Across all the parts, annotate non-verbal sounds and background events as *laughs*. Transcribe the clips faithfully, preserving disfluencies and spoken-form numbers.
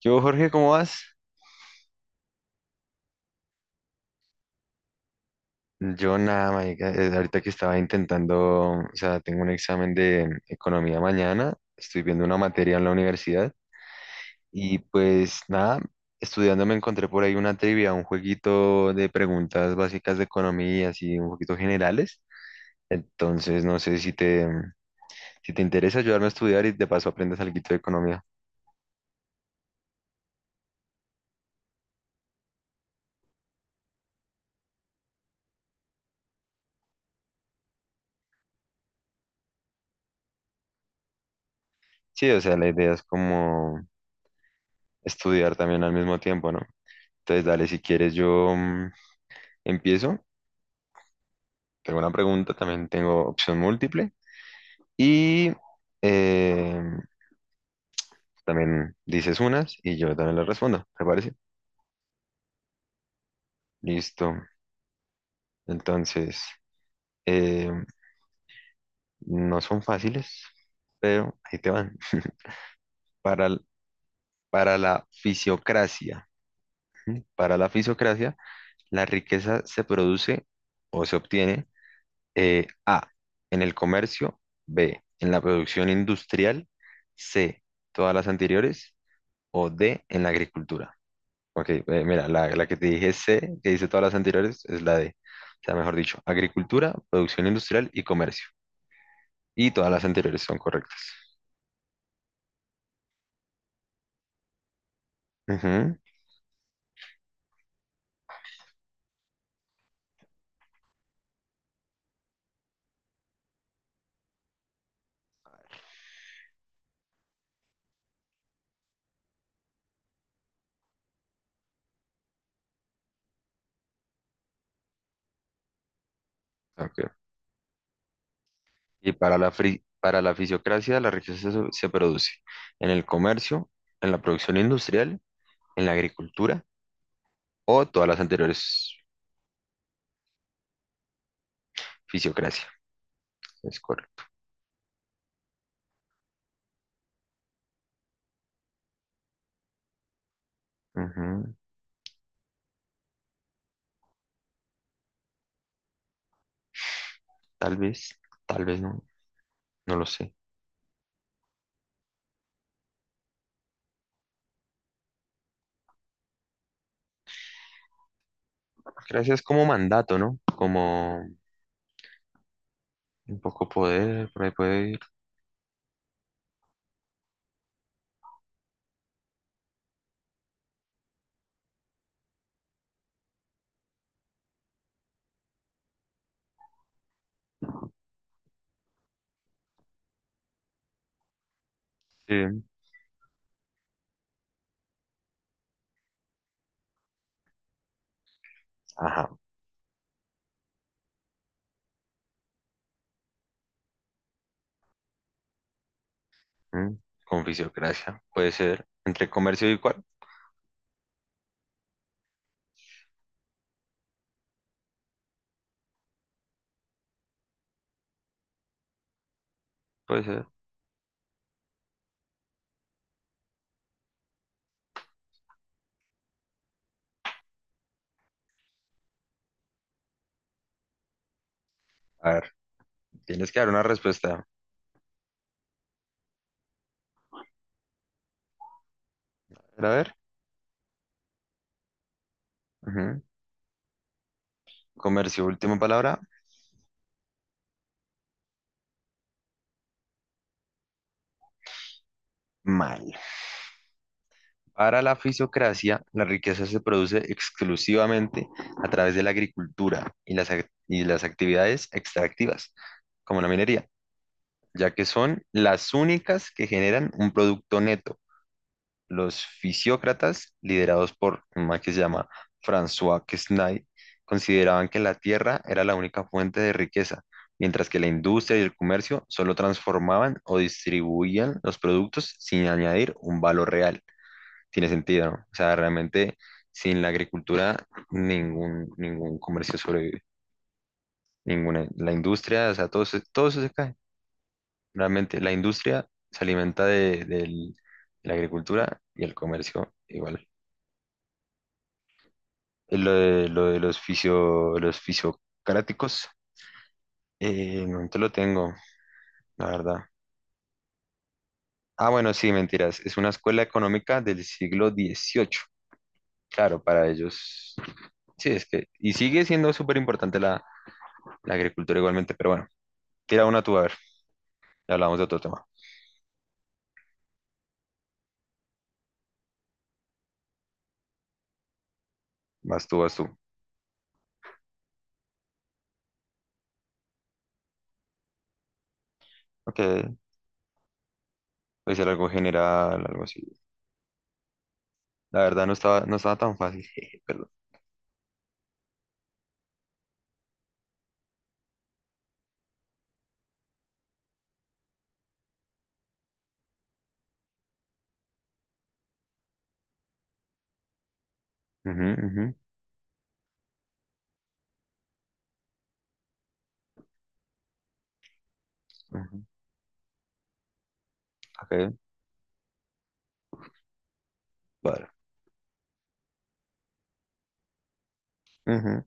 Yo, Jorge, ¿cómo vas? Yo nada, marica, eh, ahorita que estaba intentando, o sea, tengo un examen de economía mañana, estoy viendo una materia en la universidad y pues nada, estudiando me encontré por ahí una trivia, un jueguito de preguntas básicas de economía, así un poquito generales. Entonces, no sé si te, si te interesa ayudarme a estudiar y de paso aprendes algo de economía. Sí, o sea, la idea es como estudiar también al mismo tiempo, ¿no? Entonces, dale, si quieres, yo mm, empiezo. Tengo una pregunta, también tengo opción múltiple y eh, también dices unas y yo también las respondo, ¿te parece? Listo. Entonces, eh, no son fáciles, pero ahí te van. *laughs* Para, l- para la fisiocracia, ¿sí? Para la fisiocracia, la riqueza se produce o se obtiene, eh, A, en el comercio; B, en la producción industrial; C, todas las anteriores; o D, en la agricultura. Ok, eh, mira, la, la que te dije C, que dice todas las anteriores, es la D. O sea, mejor dicho, agricultura, producción industrial y comercio. Y todas las anteriores son correctas. Ujú. Ok. Y para la, fri- para la fisiocracia, la riqueza se, se produce en el comercio, en la producción industrial, en la agricultura o todas las anteriores. Fisiocracia. Es correcto. Ujú. Tal vez, tal vez no, no lo sé. Gracias como mandato, ¿no? Como un poco poder, por ahí puede ir. Sí. Ajá. Mm, Con fisiocracia, puede ser. Entre comercio y cuál, puede ser. A ver, tienes que dar una respuesta. A ver. Ujú. Comercio, última palabra. Mal. Para la fisiocracia, la riqueza se produce exclusivamente a través de la agricultura y las, ac- y las actividades extractivas, como la minería, ya que son las únicas que generan un producto neto. Los fisiócratas, liderados por un man que se llama François Quesnay, consideraban que la tierra era la única fuente de riqueza, mientras que la industria y el comercio solo transformaban o distribuían los productos sin añadir un valor real. Tiene sentido, ¿no? O sea, realmente sin la agricultura ningún, ningún comercio sobrevive, ninguna, la industria, o sea, todo, se- todo eso se cae. Realmente la industria se alimenta de, del- de la agricultura y el comercio igual. eh, Lo de, lo de los fisio, los fisiocaráticos, eh, no te lo tengo, la verdad. Ah, bueno, sí, mentiras. Es una escuela económica del siglo dieciocho. Claro, para ellos. Sí, es que. Y sigue siendo súper importante la, la agricultura igualmente, pero bueno, tira una tú a ver. Ya hablamos de otro tema. Vas tú, vas tú. Ok, puede ser algo general, algo así. La verdad no estaba, no estaba tan fácil. *laughs* Jeje, perdón. Ujú, ujú, ujú. Ok, vale. Ujú.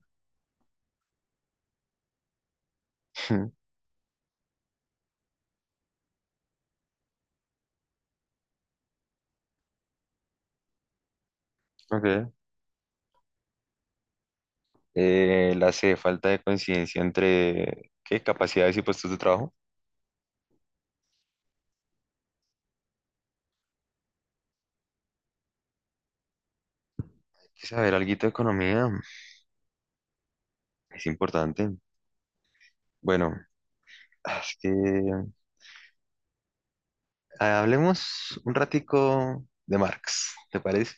*laughs* Ujú. Ok. Eh, la C, falta de coincidencia entre qué capacidades y puestos de trabajo. Hay que saber algo de economía, es importante. Bueno, es que ah, hablemos un ratico de Marx, ¿te parece?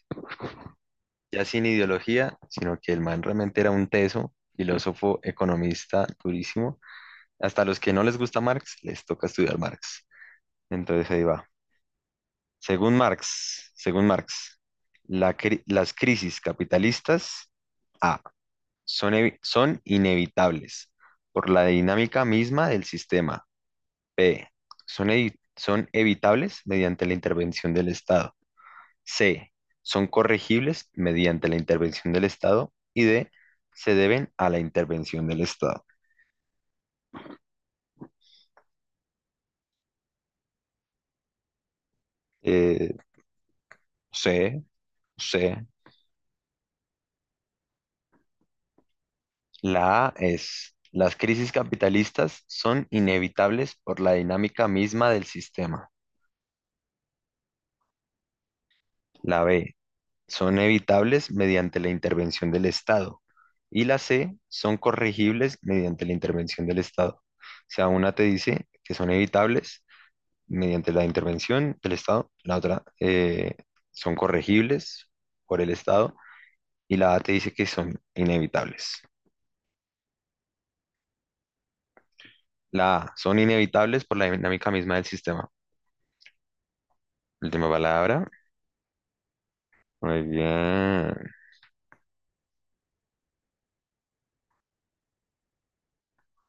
Ya sin ideología, sino que el man realmente era un teso, filósofo, economista, durísimo. Hasta a los que no les gusta Marx, les toca estudiar Marx. Entonces ahí va. Según Marx, según Marx, la cri- las crisis capitalistas... A, son, evi- son inevitables por la dinámica misma del sistema. B, Son, evi- son evitables mediante la intervención del Estado. C, son corregibles mediante la intervención del Estado. Y D, se deben a la intervención del Estado. Eh, C. C. La A es, las crisis capitalistas son inevitables por la dinámica misma del sistema. La B, son evitables mediante la intervención del Estado. Y la C, son corregibles mediante la intervención del Estado. O sea, una te dice que son evitables mediante la intervención del Estado, la otra eh, son corregibles por el Estado, y la A te dice que son inevitables. La A, son inevitables por la dinámica misma del sistema. Última palabra. Muy bien.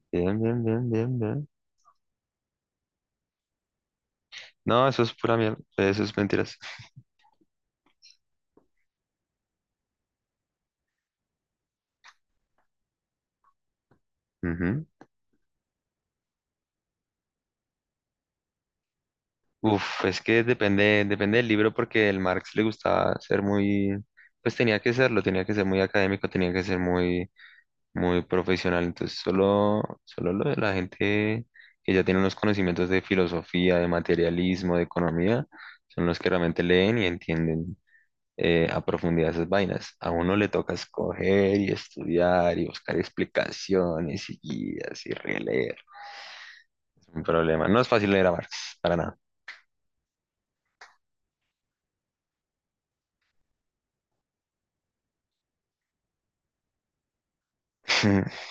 Bien, bien, bien, bien, bien. No, eso es pura mierda. Eso es mentiras. Ujú. Uf, es que depende, depende del libro porque el Marx le gustaba ser muy, pues tenía que serlo, tenía que ser muy académico, tenía que ser muy, muy profesional. Entonces solo, solo lo de la gente que ya tiene unos conocimientos de filosofía, de materialismo, de economía, son los que realmente leen y entienden eh, a profundidad esas vainas. A uno le toca escoger y estudiar y buscar explicaciones y guías y releer. Es un problema. No es fácil leer a Marx, para nada. *laughs*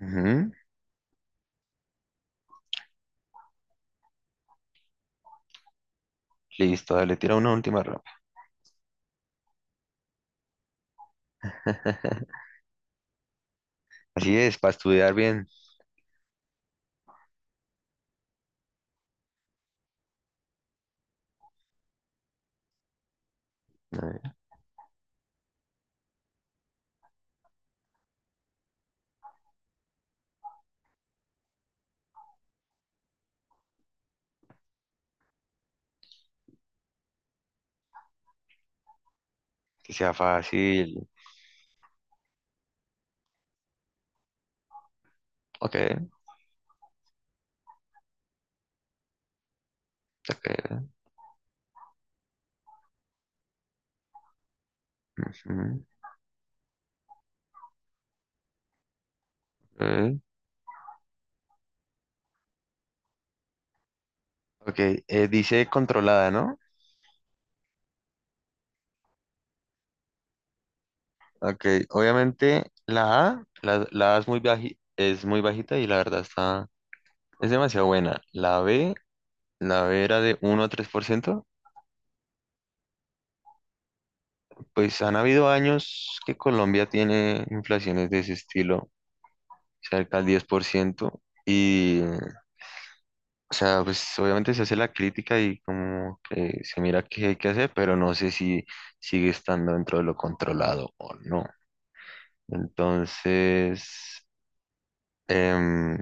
Ujú. Listo, dale, tira una última rapa. *laughs* Así es, para estudiar bien, eh, que sea fácil. Ok, ok. Ujú. Ok. Ok, eh, dice controlada, ¿no? Ok, obviamente la A, la, la A es muy baji- es muy bajita y la verdad está, es demasiado buena. La B, la B era de uno a tres por ciento. Pues han habido años que Colombia tiene inflaciones de ese estilo, cerca al diez por ciento. Y o sea, pues obviamente se hace la crítica y como que se mira qué hay que hacer, pero no sé si sigue estando dentro de lo controlado o no. Entonces, em,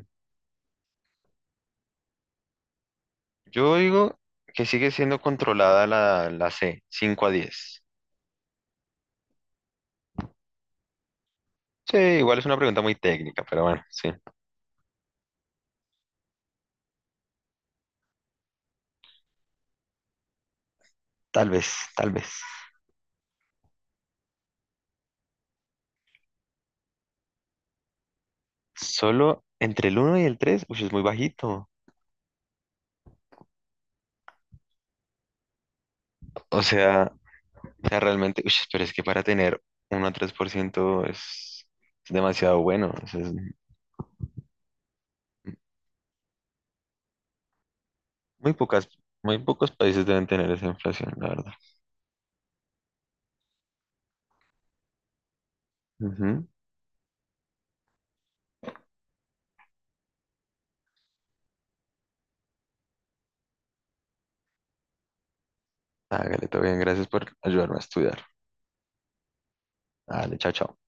yo digo que sigue siendo controlada la, la C, cinco a diez. Sí, igual es una pregunta muy técnica, pero bueno, sí. Tal vez, tal vez. Solo entre el uno y el tres, uy, es muy bajito. O sea, o sea, realmente, uy, pero es que para tener uno a tres por ciento es, es demasiado bueno. O sea, es Muy pocas, muy pocos países deben tener esa inflación, la verdad. Ujú. Hágale, todo bien, gracias por ayudarme a estudiar. Dale, chao, chao.